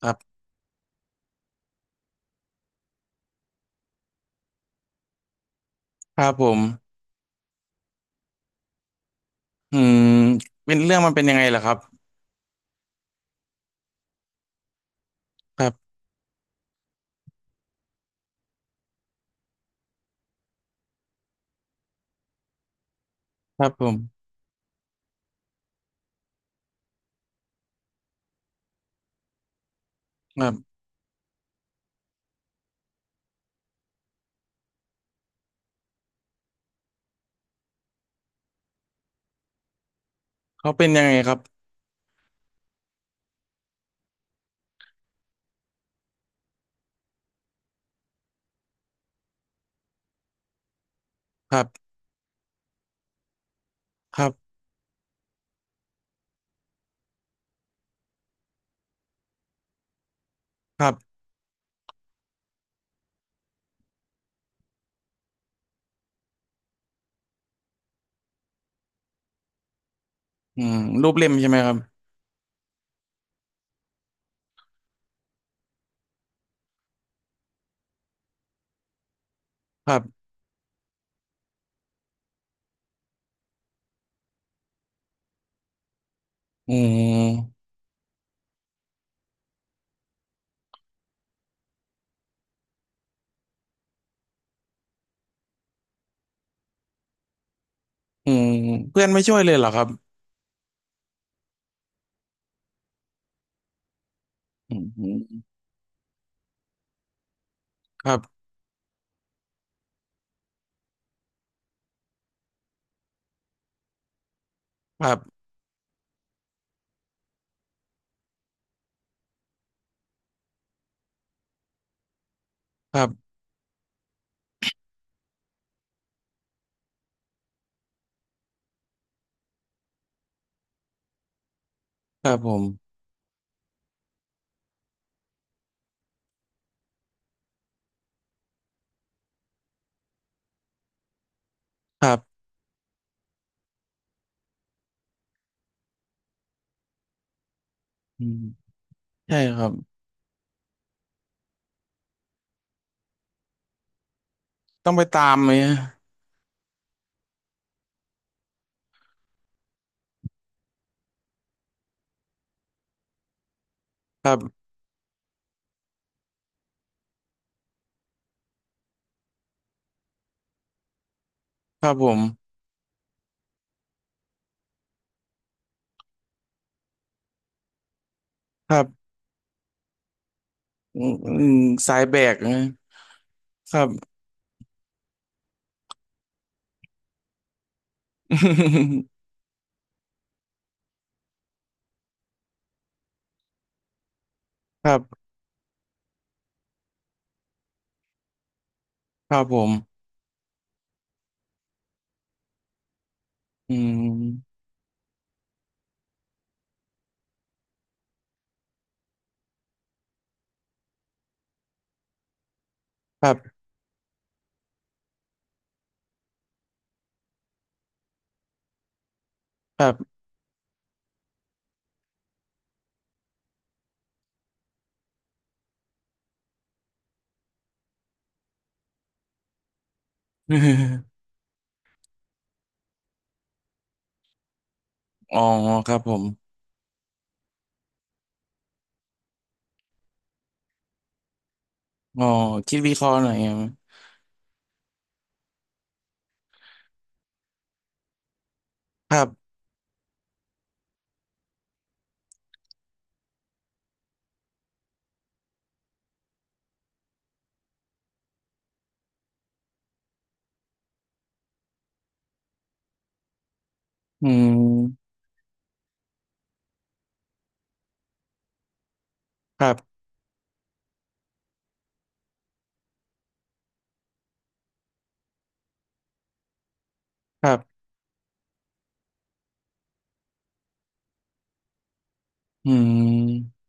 ครับครับผมอืมเป็นเรื่องมันเป็นยังไงล่ะครับครับครับผมครับเขาเป็นยังไงครับครับครับครับอืมรูปเล่มใช่ไหมครับครับอืมอืมเพื่อนไม่ช่วยเลยเหรอครับอืมครับครับครับครับผมครับอืมใช่ครับต้องไปตามไหมครับครับผมครับอืมอืมสายแบกนะครับ ครับครับผมอืมครับครับ อ๋อครับผมอ๋อคิดวิเคราะห์หน่อยอะครับอืมครับครับอืม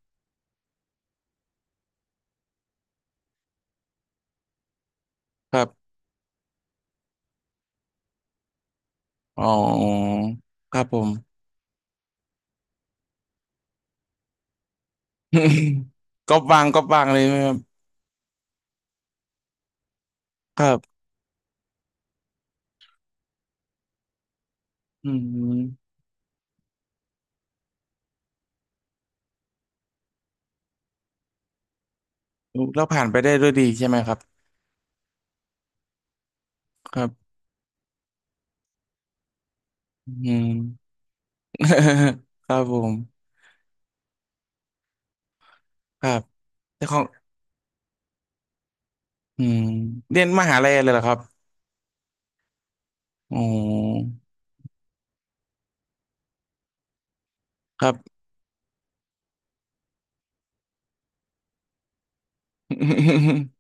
ครับอ๋อครับผม ก็บางก็บางเลยไหมครับครับอืมแล้วผ่านไปได้ด้วยดีใช่ไหมครับครับอืม ครับผมครับแต่ของอืมเรียนมหาลัยเลยเหรอครับอ๋อครับ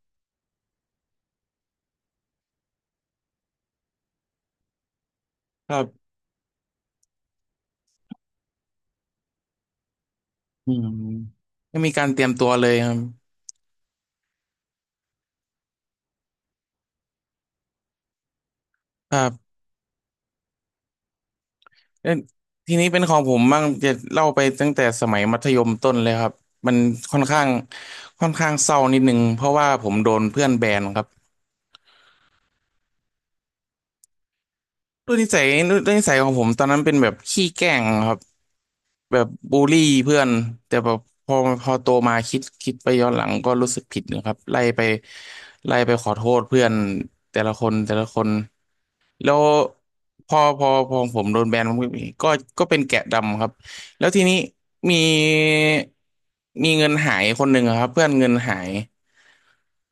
ครับอืมไม่มีการเตรียมตัวเลยครับ เอ้ยทีนี้เป็นของผมบ้างจะเล่าไปตั้งแต่สมัยมัธยมต้นเลยครับมันค่อนข้างค่อนข้างเศร้านิดนึงเพราะว่าผมโดนเพื่อนแบนครับด้วยนิสัยด้วยนิสัยของผมตอนนั้นเป็นแบบขี้แกล้งครับแบบบูลลี่เพื่อนแต่แบบพอพอโตมาคิดไปย้อนหลังก็รู้สึกผิดนะครับไล่ไปขอโทษเพื่อนแต่ละคนแต่ละคน แล้วพอผมโดนแบนผมก็ก็เป็นแกะดำครับแล้วทีนี้มีมีเงินหายคนหนึ่งอะครับเพื่อนเงินหาย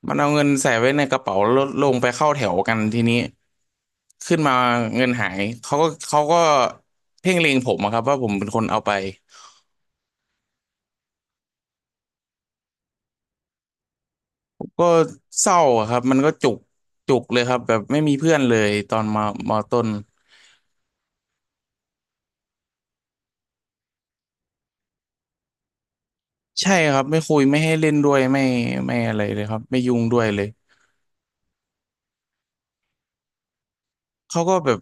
มันเอาเงินใส่ไว้ในกระเป๋าแล้วลงไปเข้าแถวกันทีนี้ขึ้นมาเงินหายเขาก็เพ่งเล็งผมอะครับว่าผมเป็นคนเอาไปก็เศร้าอะครับมันก็จุกเลยครับแบบไม่มีเพื่อนเลยตอนมามอต้นใช่ครับไม่คุยไม่ให้เล่นด้วยไม่อะไรเลยครับไม่ยุ่งด้วยเลย เขาก็แบบ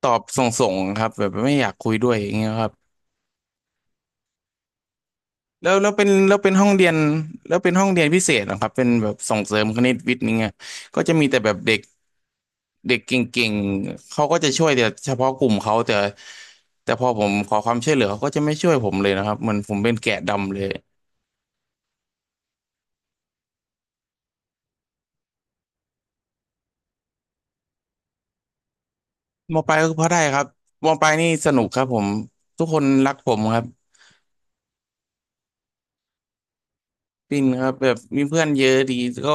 ตอบส่งๆครับแบบไม่อยากคุยด้วยอย่างเงี้ยครับแล้วแล้วเป็นแล้วเป็นห้องเรียนแล้วเป็นห้องเรียนพิเศษนะครับเป็นแบบส่งเสริมคณิตวิทย์นี่างเงี้ก็จะมีแต่แบบเด็กเด็กเก่งๆเขาก็จะช่วยแต่เฉพาะกลุ่มเขาแต่พอผมขอความช่วยเหลือเขาก็จะไม่ช่วยผมเลยนะครับเหมือนผมเป็นแกะดำเลยมปลายก็พอได้ครับมปลายนี่สนุกครับผมทุกคนรักผมครับ ปินครับแบบมีเพื่อนเยอะดีก็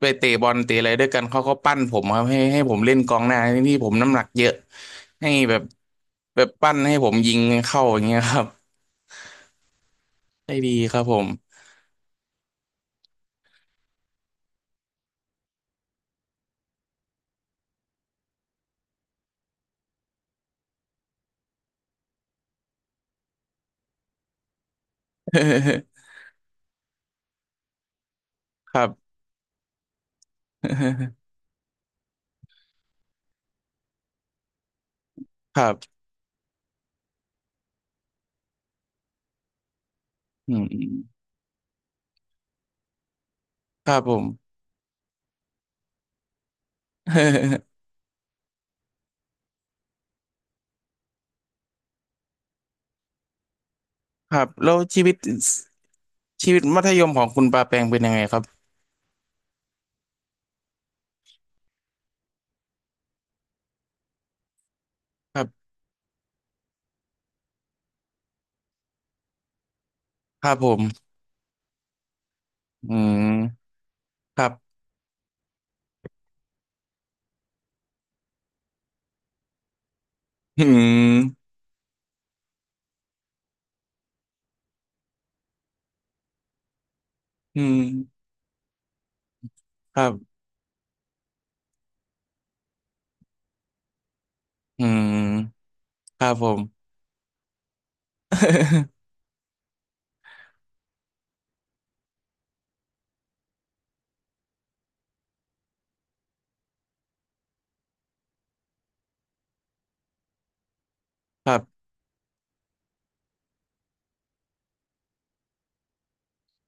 ไปเตะบอลเตะอะไรด้วยกันเขาก็ปั้นผมครับให้ผมเล่นกองหน้าที่ผมน้ำหนักเยอะให้แบบแบบปั้นให้ผมยิงเข้าอย่างเงี้ยครับได้ดีครับผม ครับ ครับอืมครับผม ครับแล้วชีวิตชีวิตมัธยมของคุณปาแปงเป็นยังไงครับครับครับผมอืมครับอืมอืมครับอืมครับผม ครับ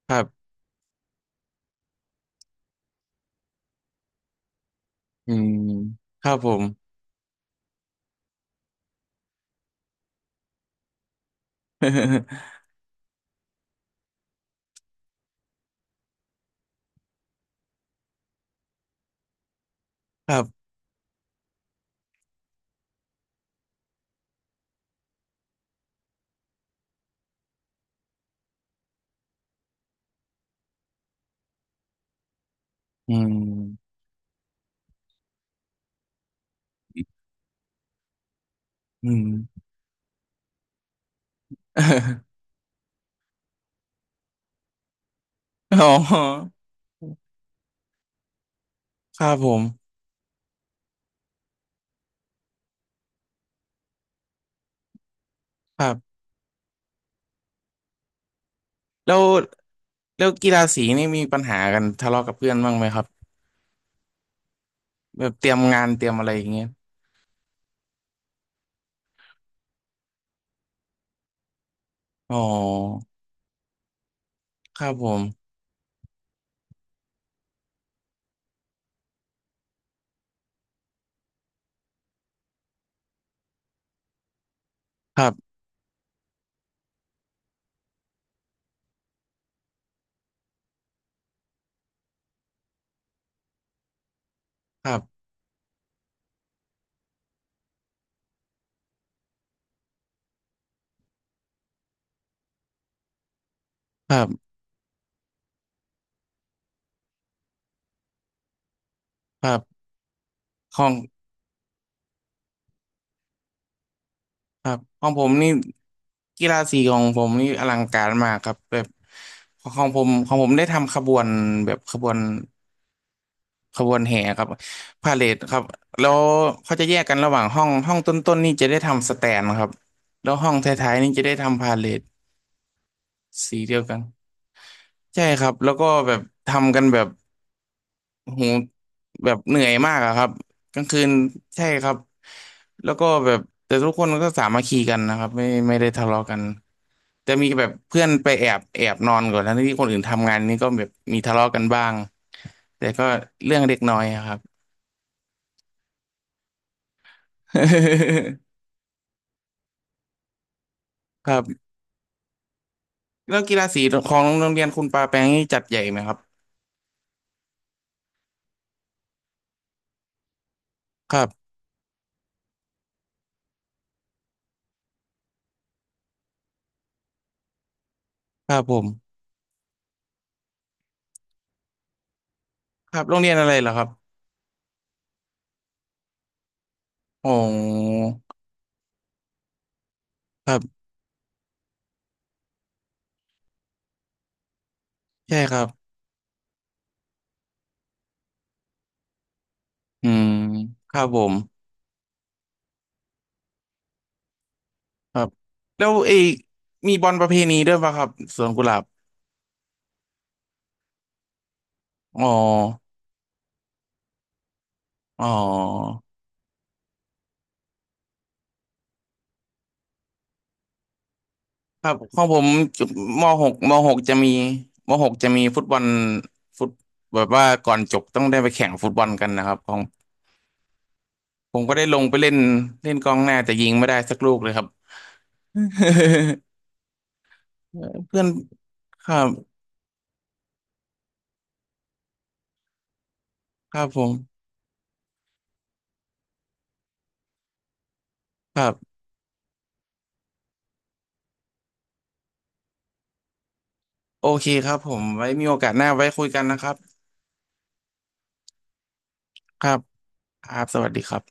ครับอืมครับผม ครับอืมอืม อ๋อครับผมครับแล้วแล้วกีฬาสีนี่มีปัญหากันทะเลาะกับเพื่อนบ้างไหมครับแบบเตรียมงานเตรียมอะไรอย่างเงี้ยอ๋อครับผมครับครับครับครับของ ครับของผมนี่กีฬาสีของผมนี่อลังการมากครับแบบของผมได้ทำขบวนแบบขบวนขบวนแห่ครับพาเหรดครับแล้วเขาจะแยกกันระหว่างห้องห้องต้นๆนี่จะได้ทำสแตนครับแล้วห้องท้ายๆนี่จะได้ทำพาเหรดสีเดียวกันใช่ครับแล้วก็แบบทำกันแบบ โอ้โหแบบเหนื่อยมากอะครับกลางคืนใช่ครับแล้วก็แบบแต่ทุกคนก็สามัคคีกันนะครับไม่ได้ทะเลาะกันจะมีแบบเพื่อนไปแอบนอนก่อนทั้งที่คนอื่นทำงานนี่ก็แบบมีทะเลาะกันบ้างแต่ก็เรื่องเล็กน้อยอะครับ ครับแล้วกีฬาสีของโรงเรียนคุณปาแปงนี่จัดใหญ่ไหมครับครับครับผมครับโรงเรียนอะไรเหรอครับโอ้ครับใช่ครับอืมครับผม ครับแล้วเอยมีบอลประเพณีด้วยป่ะครับสวนกุหลาบอ๋ออ๋อครับของผมมหกจะมีมหกจะมีฟุตบอลฟุตแบบว่าก่อนจบต้องได้ไปแข่งฟุตบอลกันนะครับของผมก็ได้ลงไปเล่นเล่นกองหน้าแต่ยิงไม่ได้สักลูกเลยครับ เออเพื่อนครับครับผมครับโอเคครับผมไว้มีโอกาสหน้าไว้คุยกันนะครับครับครับสวัสดีครับ